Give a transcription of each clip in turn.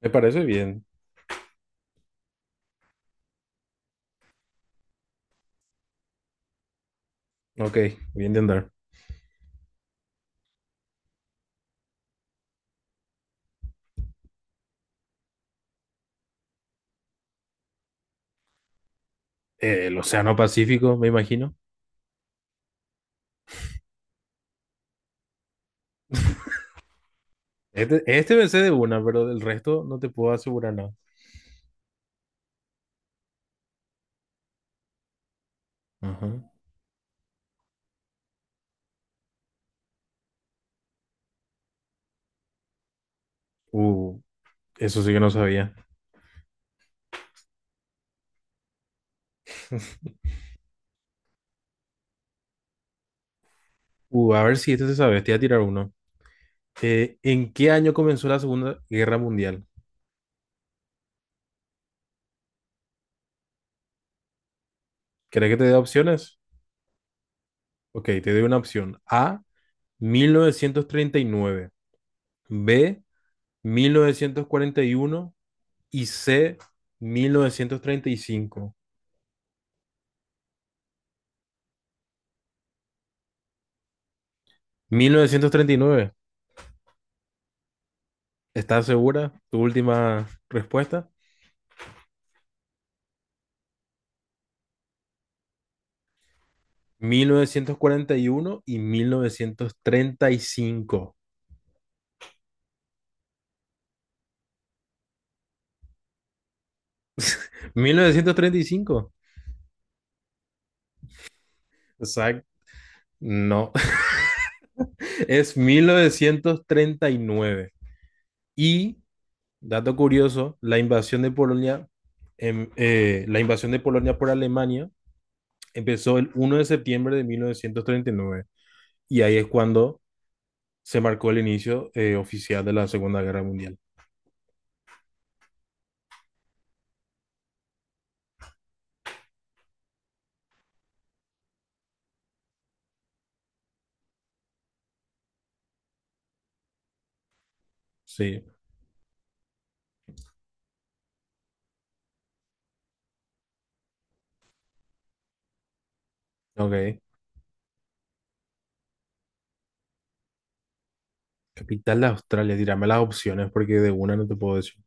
Me parece bien. Ok, bien de andar. El Océano Pacífico, me imagino. Este me sé de una, pero del resto no te puedo asegurar nada. Ajá. Uh, eso sí que no sabía. A ver si este se sabe. Te voy a tirar uno. ¿En qué año comenzó la Segunda Guerra Mundial? ¿Querés que te dé opciones? Ok, te doy una opción. A, 1939. B, mil novecientos cuarenta y uno. Y C, mil novecientos treinta y cinco. ¿Mil novecientos treinta y nueve? ¿Estás segura? Tu última respuesta. Mil novecientos cuarenta y uno y mil novecientos treinta cinco. ¿Mil novecientos treinta y cinco? Exacto. No, es mil novecientos treinta y nueve. Y, dato curioso, la invasión de Polonia por Alemania empezó el 1 de septiembre de 1939. Y nueve. Y ahí es cuando se marcó el inicio oficial de la Segunda Guerra Mundial. Sí, ok. Capital de Australia, tírame las opciones porque de una no te puedo decir.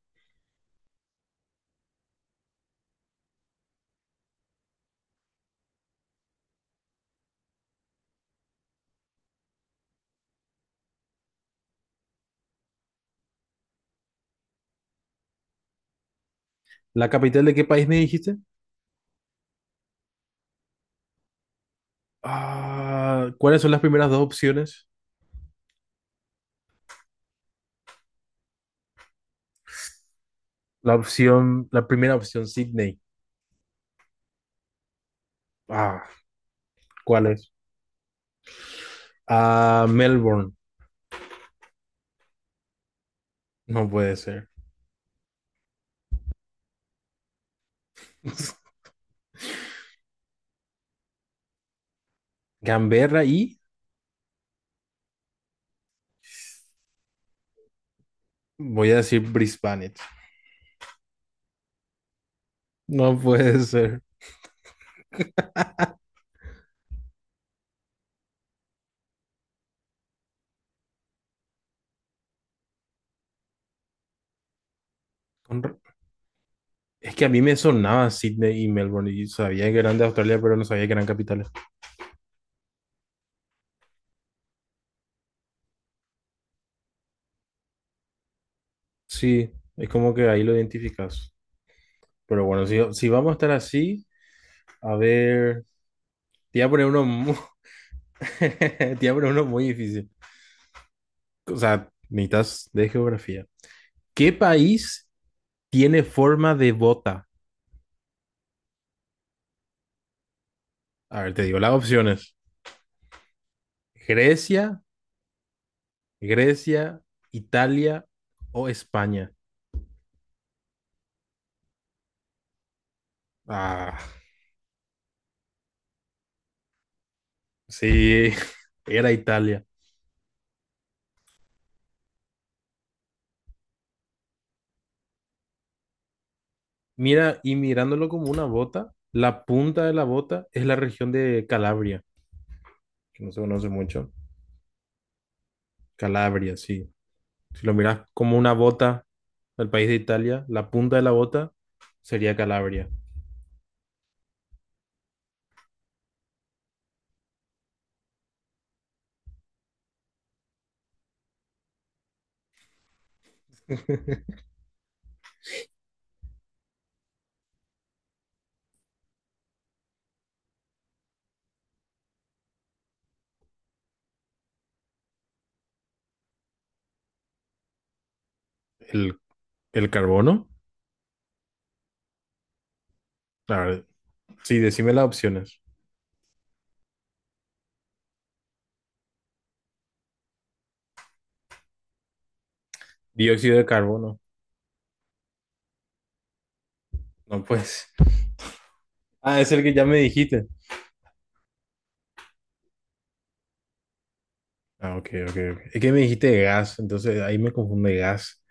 ¿La capital de qué país me dijiste? Ah, ¿cuáles son las primeras dos opciones? La primera opción, Sydney. Ah, ¿cuál es? Ah, Melbourne. No puede ser. Canberra y voy a decir Brisbane. No puede ser. Con ra- Es que a mí me sonaba Sydney y Melbourne y sabía que eran de Australia, pero no sabía que eran capitales. Sí, es como que ahí lo identificas. Pero bueno, si vamos a estar así, a ver, te voy a poner uno, mu- te voy a poner uno muy difícil. O sea, necesitas de geografía. ¿Qué país tiene forma de bota? A ver, te digo las opciones. Grecia, Grecia, Italia o España. Ah, sí, era Italia. Mira, y mirándolo como una bota, la punta de la bota es la región de Calabria, que no se conoce mucho. Calabria, sí. Si lo miras como una bota, del país de Italia, la punta de la bota sería Calabria. ¿El, el carbono? A ver, sí, decime las opciones. Dióxido de carbono. No, pues. Ah, es el que ya me dijiste. Ah, ok, ok, ok. Es que me dijiste gas, entonces ahí me confunde gas.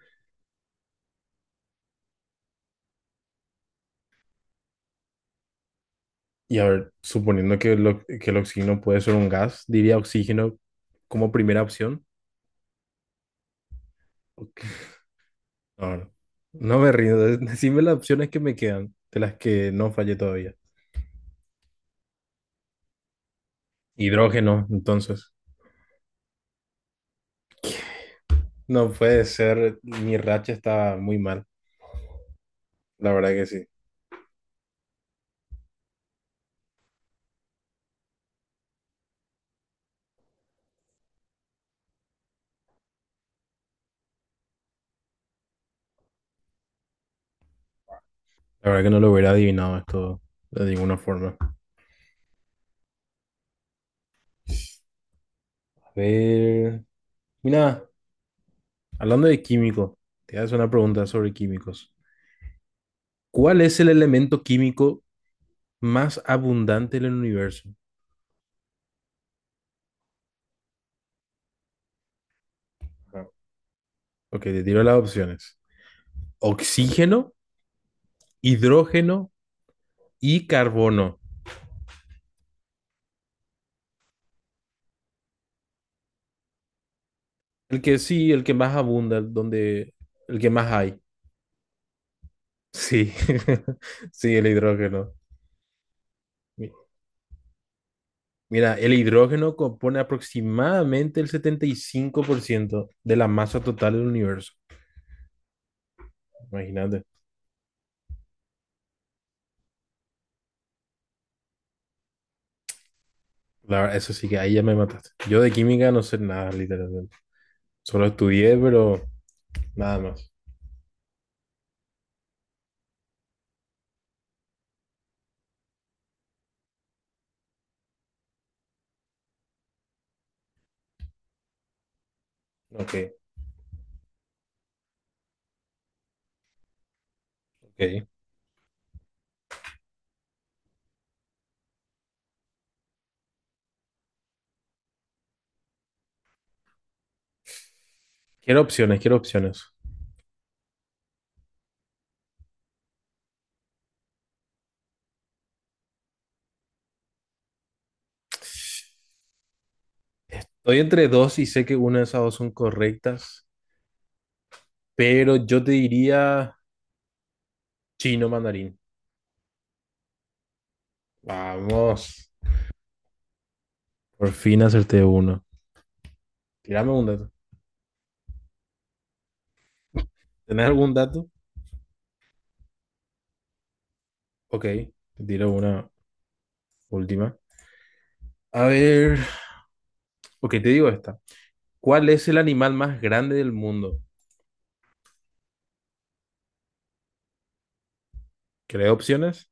Y a ver, suponiendo que el oxígeno puede ser un gas, diría oxígeno como primera opción. Ok. No, no, no me rindo. Decime las opciones que me quedan, de las que no fallé todavía. Hidrógeno, entonces. No puede ser, mi racha está muy mal, la verdad que sí. La verdad que no lo hubiera adivinado esto de ninguna forma. A ver, mira, hablando de químico, te hago una pregunta sobre químicos. ¿Cuál es el elemento químico más abundante en el universo? Ajá. Ok, te tiro las opciones. Oxígeno, hidrógeno y carbono. El que sí, el que más abunda, el donde, el que más hay. Sí, sí, el hidrógeno. Mira, el hidrógeno compone aproximadamente el 75% de la masa total del universo. Imagínate. La verdad, eso sí que ahí ya me mataste. Yo de química no sé nada, literalmente. Solo estudié, pero nada más. Ok, ok. Quiero opciones, quiero opciones. Estoy entre dos y sé que una de esas dos son correctas, pero yo te diría chino mandarín. Vamos. Por fin acerté uno. Tírame un dato. ¿Tenés algún dato? Ok, te tiro una última. A ver, ok, te digo esta. ¿Cuál es el animal más grande del mundo? ¿Querés opciones?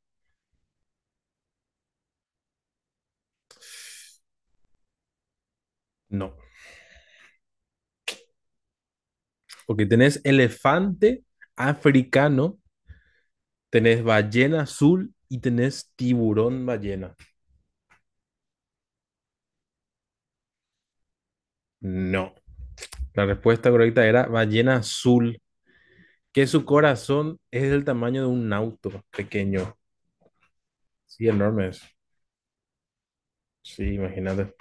No. Ok, tenés elefante africano, tenés ballena azul y tenés tiburón ballena. No. La respuesta correcta era ballena azul, que su corazón es del tamaño de un auto pequeño. Sí, enorme es. Sí, imagínate.